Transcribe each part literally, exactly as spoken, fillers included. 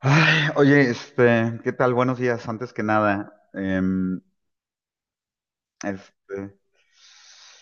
Ay, oye, este, ¿qué tal? Buenos días, antes que nada. em, este,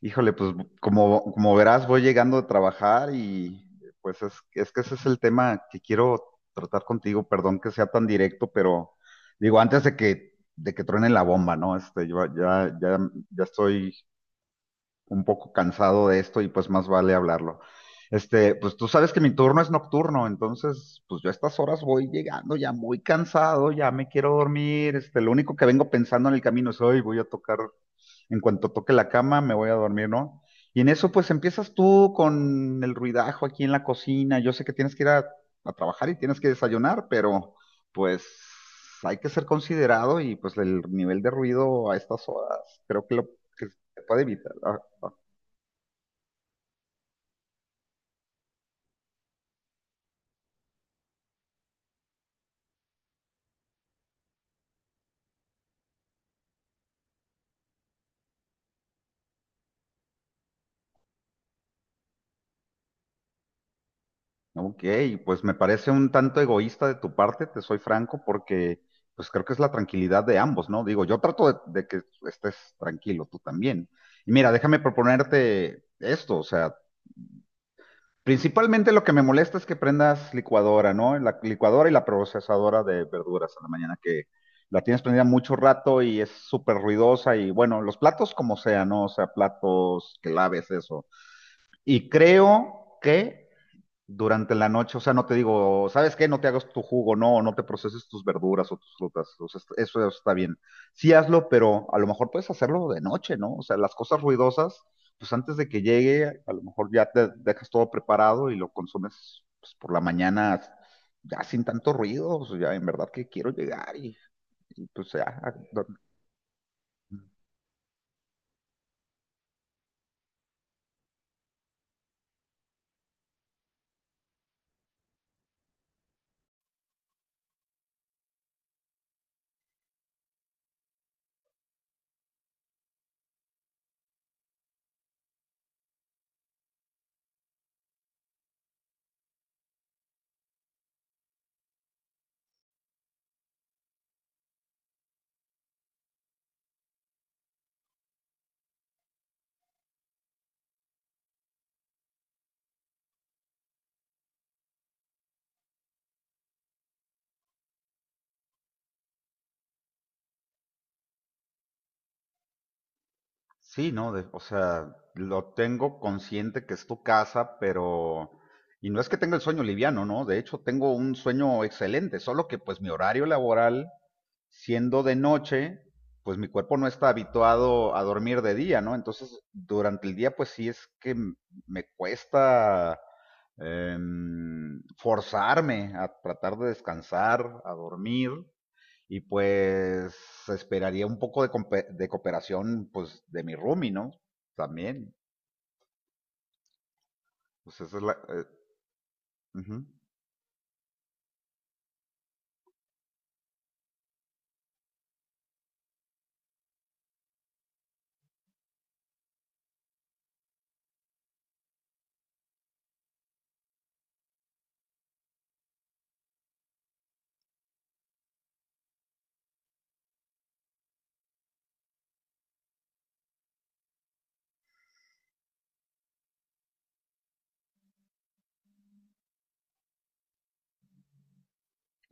Híjole, pues como, como verás, voy llegando a trabajar y pues es, es que ese es el tema que quiero tratar contigo. Perdón que sea tan directo, pero digo, antes de que, de que truene la bomba, ¿no? Este, yo ya, ya, ya estoy un poco cansado de esto y pues más vale hablarlo. Este, pues tú sabes que mi turno es nocturno, entonces pues yo a estas horas voy llegando ya muy cansado, ya me quiero dormir, este, lo único que vengo pensando en el camino es hoy voy a tocar, en cuanto toque la cama me voy a dormir, ¿no? Y en eso pues empiezas tú con el ruidajo aquí en la cocina, yo sé que tienes que ir a, a trabajar y tienes que desayunar, pero pues hay que ser considerado y pues el nivel de ruido a estas horas creo que lo que se puede evitar, ¿no? Ok, pues me parece un tanto egoísta de tu parte, te soy franco, porque pues creo que es la tranquilidad de ambos, ¿no? Digo, yo trato de, de que estés tranquilo, tú también. Y mira, déjame proponerte esto, o sea, principalmente lo que me molesta es que prendas licuadora, ¿no? La licuadora y la procesadora de verduras a la mañana, que la tienes prendida mucho rato y es súper ruidosa y bueno, los platos como sea, ¿no? O sea, platos que laves, eso. Y creo que durante la noche, o sea, no te digo, ¿sabes qué? No te hagas tu jugo, no, no te proceses tus verduras o tus frutas, o sea, est- eso está bien. Sí hazlo, pero a lo mejor puedes hacerlo de noche, ¿no? O sea, las cosas ruidosas, pues antes de que llegue, a lo mejor ya te dejas todo preparado y lo consumes pues, por la mañana ya sin tanto ruido, o sea, ya en verdad que quiero llegar y, y, pues ya. Sí, no, de- o sea, lo tengo consciente que es tu casa, pero... Y no es que tenga el sueño liviano, ¿no? De hecho, tengo un sueño excelente, solo que pues mi horario laboral siendo de noche, pues mi cuerpo no está habituado a dormir de día, ¿no? Entonces, durante el día, pues sí es que me cuesta em, forzarme a tratar de descansar, a dormir, y pues esperaría un poco de, compe- de cooperación, pues, de mi roomie, ¿no? También, pues esa es la... eh, ujú.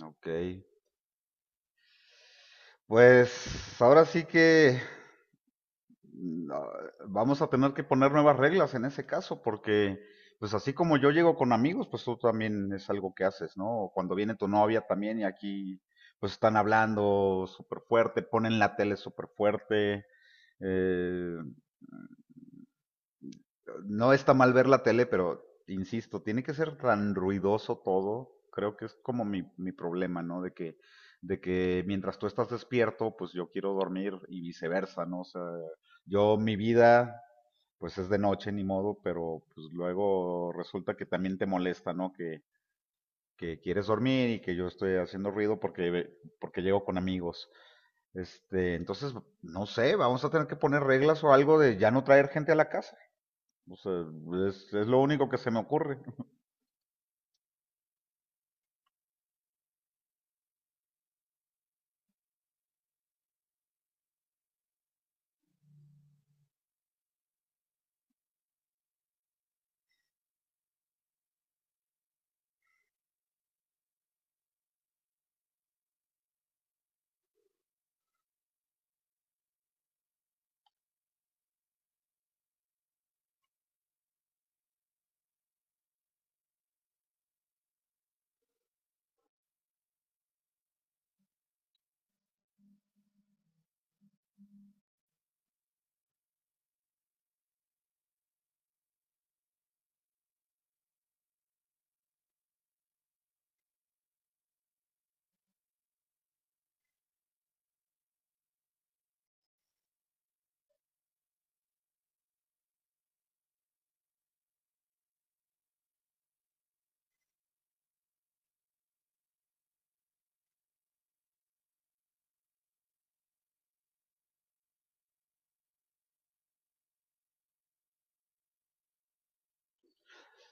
Ok. Pues ahora sí que no, vamos a tener que poner nuevas reglas en ese caso, porque pues así como yo llego con amigos, pues tú también es algo que haces, ¿no? O cuando viene tu novia también y aquí pues están hablando súper fuerte, ponen la tele súper fuerte. eh, no está mal ver la tele, pero insisto, tiene que ser tan ruidoso todo. Creo que es como mi, mi problema, ¿no? De que, de que mientras tú estás despierto, pues yo quiero dormir y viceversa, ¿no? O sea, yo mi vida pues es de noche, ni modo, pero pues luego resulta que también te molesta, ¿no? Que, que quieres dormir y que yo estoy haciendo ruido porque, porque llego con amigos. Este, entonces, no sé, vamos a tener que poner reglas o algo de ya no traer gente a la casa. O sea, es, es lo único que se me ocurre.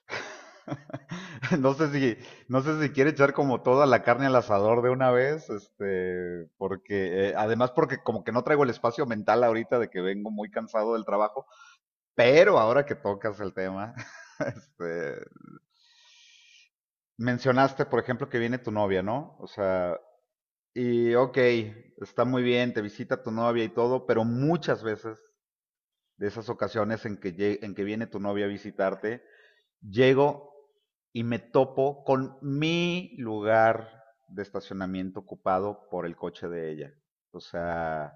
no sé si, no sé si quiere echar como toda la carne al asador de una vez, este, porque, eh, además porque como que no traigo el espacio mental ahorita de que vengo muy cansado del trabajo. Pero ahora que tocas el tema, este, mencionaste, por ejemplo, que viene tu novia, ¿no? O sea, y ok, está muy bien, te visita tu novia y todo, pero muchas veces de esas ocasiones en que, lle- en que viene tu novia a visitarte, llego y me topo con mi lugar de estacionamiento ocupado por el coche de ella. O sea,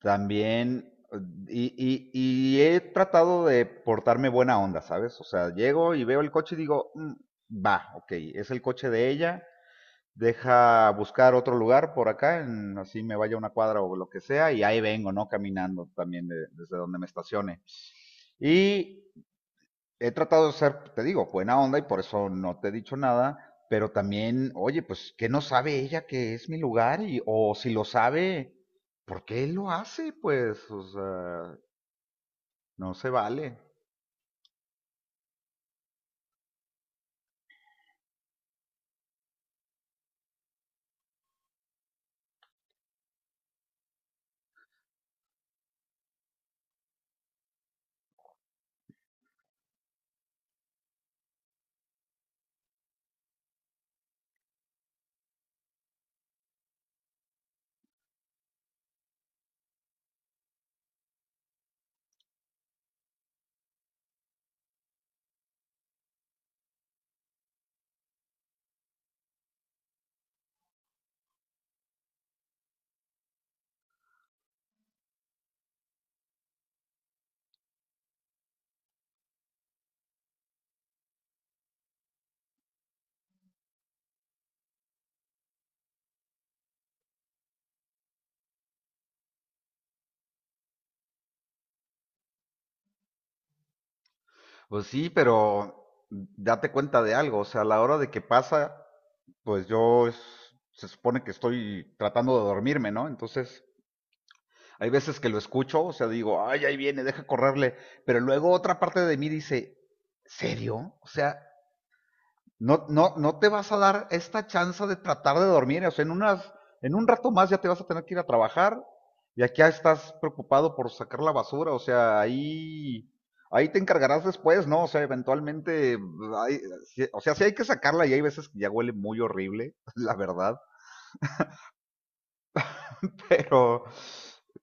también, y, y, y he tratado de portarme buena onda, ¿sabes? O sea, llego y veo el coche y digo, "Mm, va, ok, es el coche de ella, deja buscar otro lugar por acá, en- así me vaya una cuadra o lo que sea, y ahí vengo, ¿no? Caminando también de- desde donde me estacione. Y he tratado de ser, te digo, buena onda y por eso no te he dicho nada, pero también, oye, pues, ¿qué no sabe ella que es mi lugar? Y, o si lo sabe, ¿por qué lo hace? Pues, o sea, no se vale. Pues sí, pero date cuenta de algo, o sea, a la hora de que pasa, pues yo es- se supone que estoy tratando de dormirme, ¿no? Entonces, hay veces que lo escucho, o sea, digo, ay, ahí viene, deja correrle, pero luego otra parte de mí dice, ¿serio? O sea, No, no, no te vas a dar esta chance de tratar de dormir. O sea, en, unas, en un rato más ya te vas a tener que ir a trabajar y aquí estás preocupado por sacar la basura. O sea, ahí, ahí te encargarás después, ¿no? O sea, eventualmente, hay- si- o sea, sí hay que sacarla y hay veces que ya huele muy horrible, la verdad. Pero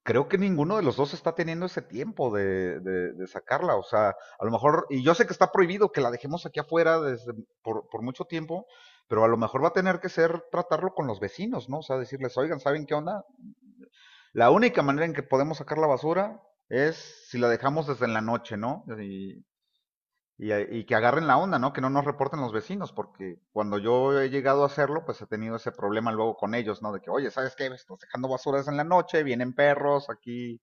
creo que ninguno de los dos está teniendo ese tiempo de, de- de sacarla. O sea, a lo mejor, y yo sé que está prohibido que la dejemos aquí afuera desde, por, por mucho tiempo, pero a lo mejor va a tener que ser tratarlo con los vecinos, ¿no? O sea, decirles, oigan, ¿saben qué onda? La única manera en que podemos sacar la basura es si la dejamos desde en la noche, ¿no? Y, y, eh, y que agarren la onda, ¿no? Que no nos reporten los vecinos, porque cuando yo he llegado a hacerlo, pues he tenido ese problema luego con ellos, ¿no? De que, oye, ¿sabes qué? Estás dejando basuras en la noche, vienen perros aquí,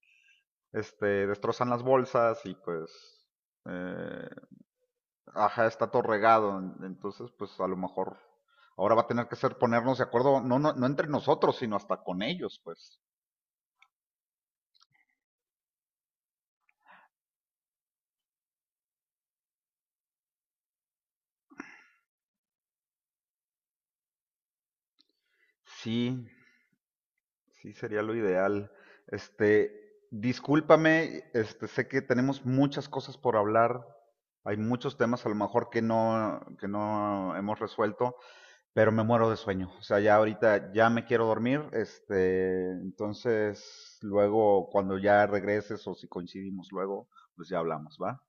este, destrozan las bolsas y pues, eh, ajá, está todo regado. Entonces, pues a lo mejor ahora va a tener que ser ponernos de acuerdo, no, no, no entre nosotros, sino hasta con ellos, pues. Sí, sí, sería lo ideal. Este, discúlpame, este, sé que tenemos muchas cosas por hablar. Hay muchos temas a lo mejor que no, que no hemos resuelto, pero me muero de sueño. O sea, ya ahorita ya me quiero dormir. Este, entonces, luego cuando ya regreses o si coincidimos luego, pues ya hablamos, ¿va?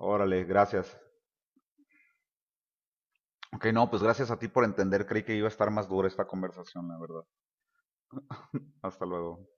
Órale, gracias. Ok, no, pues gracias a ti por entender. Creí que iba a estar más dura esta conversación, la verdad. Hasta luego.